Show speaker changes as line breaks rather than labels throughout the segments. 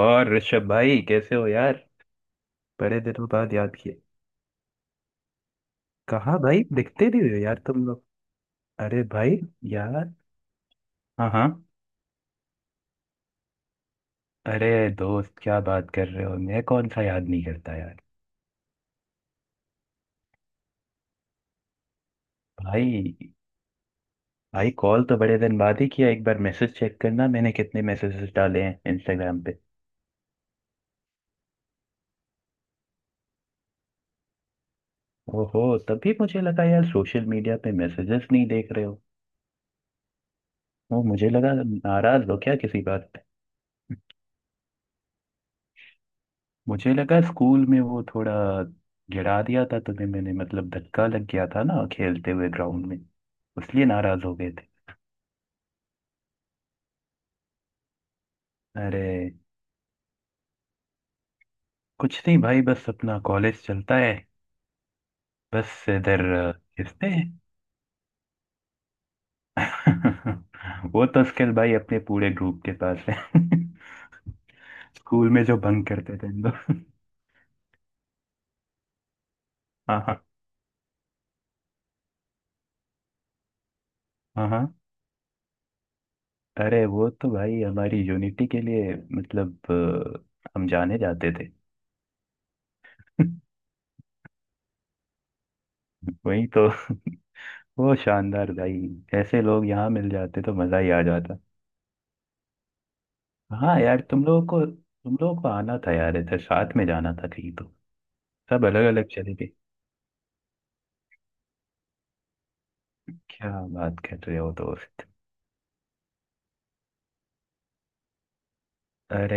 और ऋषभ भाई कैसे हो यार। बड़े दिनों बाद याद किए। कहाँ भाई, दिखते नहीं हो यार तुम लोग। अरे भाई यार। हाँ हाँ। अरे दोस्त क्या बात कर रहे हो, मैं कौन सा याद नहीं करता यार। भाई, भाई कॉल तो बड़े दिन बाद ही किया, एक बार मैसेज चेक करना, मैंने कितने मैसेजेस डाले हैं इंस्टाग्राम पे। ओहो, तभी मुझे लगा यार सोशल मीडिया पे मैसेजेस नहीं देख रहे हो। वो मुझे लगा नाराज हो क्या किसी बात पे। मुझे लगा स्कूल में वो थोड़ा गिरा दिया था तुम्हें मैंने, मतलब धक्का लग गया था ना खेलते हुए ग्राउंड में, इसलिए नाराज हो गए थे। अरे। कुछ नहीं भाई, बस अपना कॉलेज चलता है। बस इधर खिसते हैं। वो तो स्किल भाई अपने पूरे ग्रुप के पास है। स्कूल में जो भंग करते थे हम लोग। हाँ हाँ। हाँ हाँ। अरे वो तो भाई हमारी यूनिटी के लिए, मतलब हम जाने जाते थे। वही तो। वो शानदार भाई। ऐसे लोग यहाँ मिल जाते तो मजा ही आ जाता। हाँ यार, तुम लोगों को आना था यार इधर, साथ में जाना था कहीं तो। सब अलग अलग चले गए। क्या बात कर रहे हो दोस्त। अरे।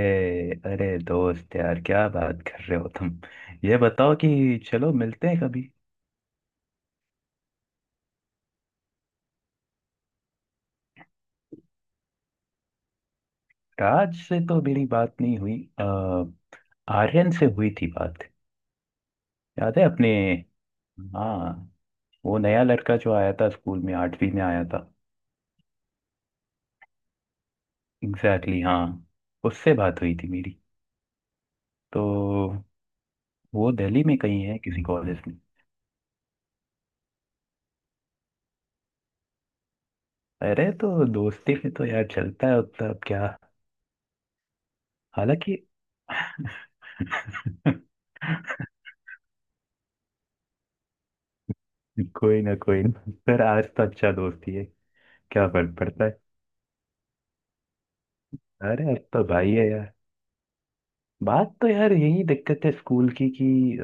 अरे दोस्त यार क्या बात कर रहे हो तुम। ये बताओ कि चलो मिलते हैं कभी। राज से तो मेरी बात नहीं हुई आर्यन से हुई थी बात। याद है अपने। हाँ। वो नया लड़का जो आया था स्कूल में, आठवीं में आया था। एग्जैक्टली, हाँ। उससे बात हुई थी मेरी। तो वो दिल्ली में कहीं है किसी कॉलेज में। अरे तो दोस्ती में तो यार चलता है उतना, अब क्या। हालांकि। कोई ना कोई ना। पर आज तो अच्छा दोस्ती है, क्या फर्क पड़ता है। अरे अब तो भाई है यार। बात तो यार यही दिक्कत है स्कूल की कि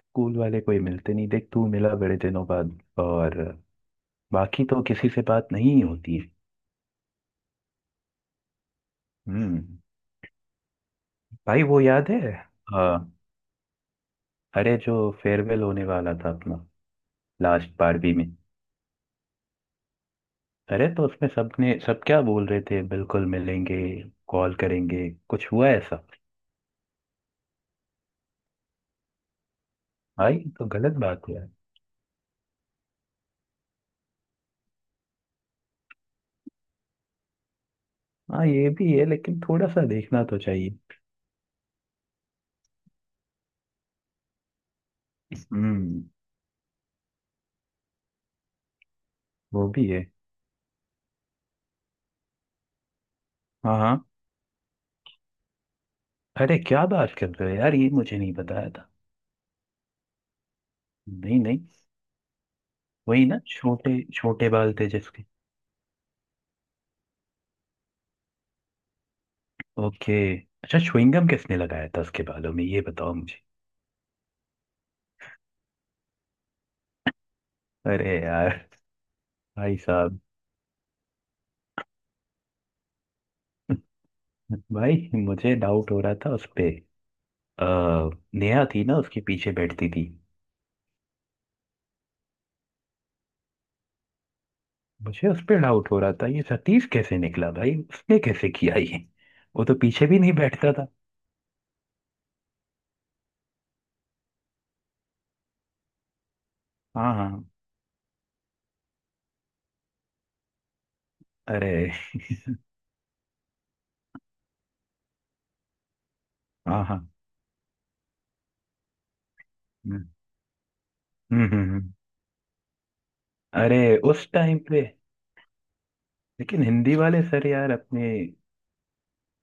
स्कूल वाले कोई मिलते नहीं, देख तू मिला बड़े दिनों बाद, और बाकी तो किसी से बात नहीं होती है। हम्म। भाई वो याद है। हाँ। अरे जो फेयरवेल होने वाला था अपना लास्ट, 12वीं में। अरे तो उसमें सबने, सब क्या बोल रहे थे, बिल्कुल मिलेंगे, कॉल करेंगे, कुछ हुआ ऐसा। हाँ ये तो गलत बात है यार। हाँ ये भी है, लेकिन थोड़ा सा देखना तो चाहिए। हम्म। वो भी है। हाँ हाँ। अरे क्या बात कर रहे हो यार, ये मुझे नहीं बताया था। नहीं नहीं। वही ना, छोटे छोटे बाल थे जिसके। ओके। अच्छा, च्युइंगम किसने लगाया था उसके बालों में, ये बताओ मुझे। अरे यार। भाई साहब। भाई मुझे डाउट हो रहा था उस पे। अ, नेहा थी ना, उसके पीछे बैठती थी। मुझे उस पे डाउट हो रहा था, ये सतीश कैसे निकला भाई, उसने कैसे किया ये। वो तो पीछे भी नहीं बैठता था। हाँ हाँ। अरे। हाँ हाँ। हम्म हम्म। अरे उस टाइम पे, लेकिन हिंदी वाले सर यार अपने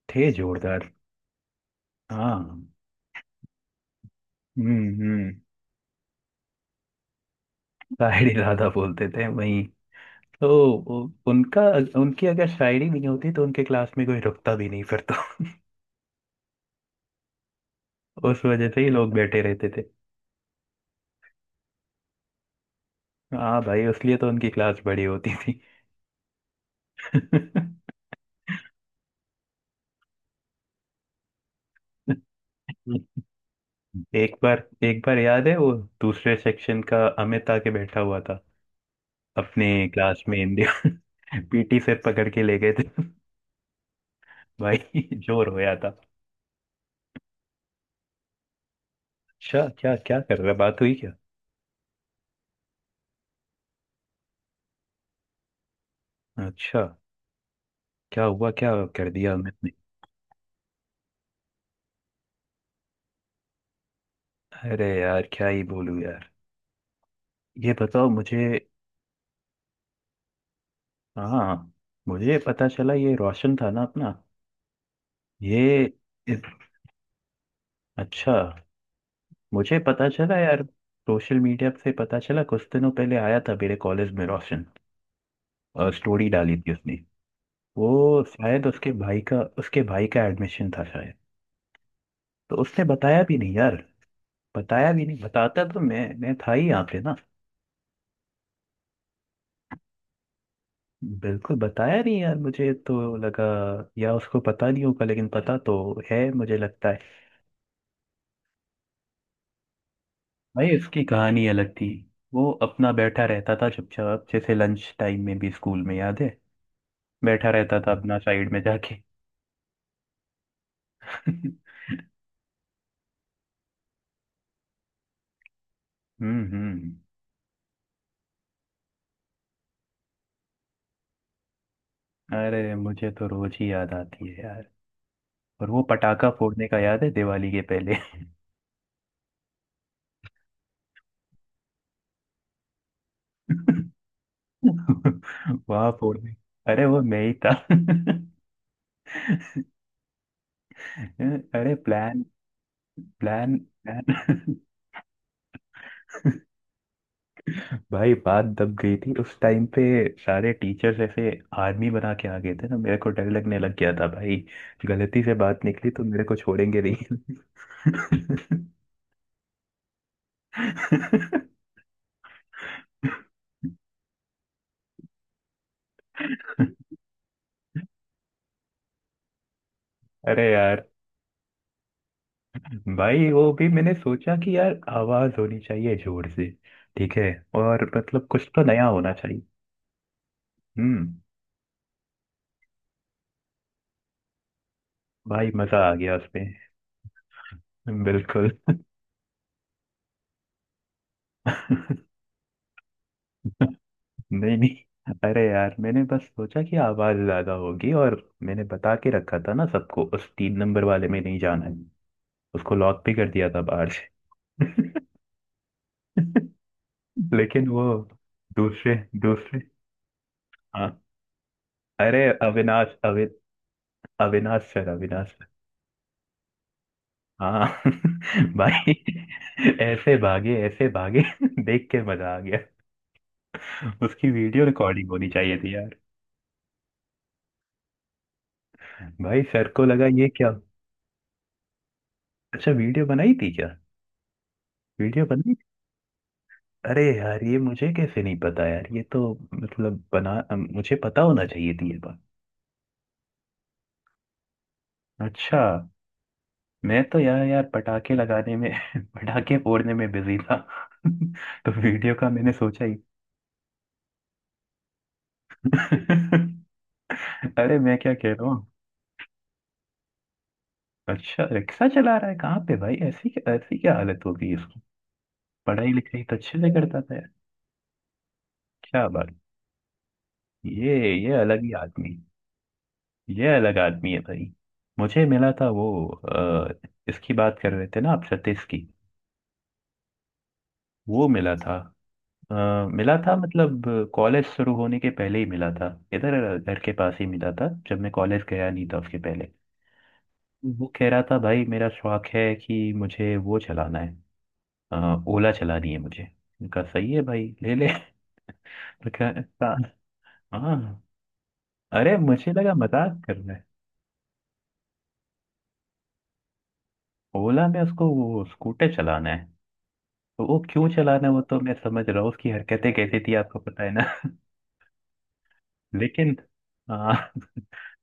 थे जोरदार। हाँ। हम्म। शायरी ज्यादा बोलते थे, वहीं तो। वो- उनका उनकी अगर शायरी भी नहीं होती तो उनके क्लास में कोई रुकता भी नहीं फिर तो। उस वजह से ही लोग बैठे रहते थे। हाँ भाई, उसलिए तो उनकी क्लास बड़ी होती थी। हम्म। एक बार, एक बार याद है वो दूसरे सेक्शन का अमित आके बैठा हुआ था अपने क्लास में। इंडिया पीटी से पकड़ के ले गए थे। भाई जोर रोया था। अच्छा, क्या क्या कर रहा है? बात हुई क्या। अच्छा। क्या हुआ, क्या कर दिया अमित ने। अरे यार क्या ही बोलूं यार। ये बताओ मुझे। हाँ। मुझे पता चला, ये रोशन था ना अपना। ये इस- अच्छा, मुझे पता चला यार सोशल मीडिया से, पता चला कुछ दिनों पहले आया था मेरे कॉलेज में रोशन। और स्टोरी डाली थी उसने। वो शायद उसके भाई का एडमिशन था शायद। तो उसने बताया भी नहीं यार। बताया भी नहीं, बताता तो मैं था ही यहाँ पे ना। बिल्कुल बताया नहीं यार, मुझे तो लगा या उसको पता नहीं होगा, लेकिन पता तो है मुझे लगता है। भाई उसकी कहानी अलग थी। वो अपना बैठा रहता था चुपचाप, जैसे लंच टाइम में भी स्कूल में, याद है, बैठा रहता था अपना साइड में जाके। हम्म हम्म। अरे मुझे तो रोज ही याद आती है यार। और वो पटाखा फोड़ने का याद है दिवाली के पहले। वहां फोड़ने। अरे वो मैं ही था। अरे प्लान, प्लान, प्लान। भाई बात दब गई थी उस टाइम पे, सारे टीचर्स ऐसे आर्मी बना के आ गए थे ना, मेरे को डर लगने लग गया था भाई, गलती से बात निकली तो मेरे को छोड़ेंगे नहीं। अरे यार। भाई वो भी मैंने सोचा कि यार आवाज होनी चाहिए जोर से, ठीक है, और मतलब कुछ तो नया होना चाहिए। हम्म। भाई मजा आ गया उसपे। बिल्कुल। नहीं नहीं। अरे यार मैंने बस सोचा कि आवाज ज्यादा होगी, और मैंने बता के रखा था ना सबको, उस 3 नंबर वाले में नहीं जाना है। उसको लॉक भी कर दिया था बाहर से। लेकिन वो। दूसरे दूसरे। हाँ। अरे अविनाश सर, अविनाश। हाँ। भाई ऐसे भागे, ऐसे भागे। देख के मजा आ गया। उसकी वीडियो रिकॉर्डिंग होनी चाहिए थी यार। भाई सर को लगा ये क्या। अच्छा, वीडियो बनाई थी क्या। वीडियो बनाई थी? अरे यार ये मुझे कैसे नहीं पता यार, ये तो मतलब, बना, मुझे पता होना चाहिए थी ये बात। अच्छा। मैं तो यार, यार पटाखे लगाने में पटाखे फोड़ने में बिजी था। तो वीडियो का मैंने सोचा ही। अरे मैं क्या कह रहा हूँ। अच्छा रिक्शा चला रहा है कहाँ पे भाई, ऐसी ऐसी क्या हालत हो गई इसकी। पढ़ाई लिखाई तो अच्छे से करता था यार। क्या बात। ये अलग ही आदमी। ये अलग आदमी है भाई। मुझे मिला था वो, इसकी बात कर रहे थे ना आप सतीश की। वो मिला था। अ, मिला था मतलब कॉलेज शुरू होने के पहले ही मिला था, इधर घर के पास ही मिला था, जब मैं कॉलेज गया नहीं था उसके पहले। वो कह रहा था भाई मेरा शौक है कि मुझे वो चलाना है, अ, ओला चलानी है मुझे। उनका सही है भाई, ले ले। तो क्या सा- हाँ। अरे मुझे लगा मजाक कर रहा है। ओला में उसको वो स्कूटर चलाना है, तो वो क्यों चलाना है, वो तो मैं समझ रहा हूँ उसकी हरकतें कैसी थी, आपको पता है ना। लेकिन, हाँ,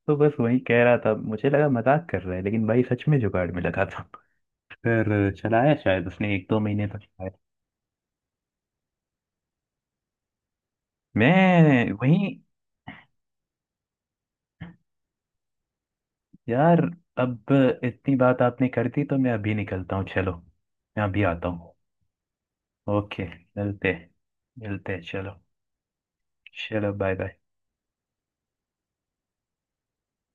तो बस वही कह रहा था, मुझे लगा मजाक कर रहा है, लेकिन भाई सच में जुगाड़ में लगा था, फिर चलाया शायद उसने 1-2 महीने तक चलाया। मैं वही। यार अब इतनी बात आपने कर दी तो मैं अभी निकलता हूँ, चलो मैं अभी आता हूँ। ओके। मिलते, मिलते। चलो, चलो। Bye bye.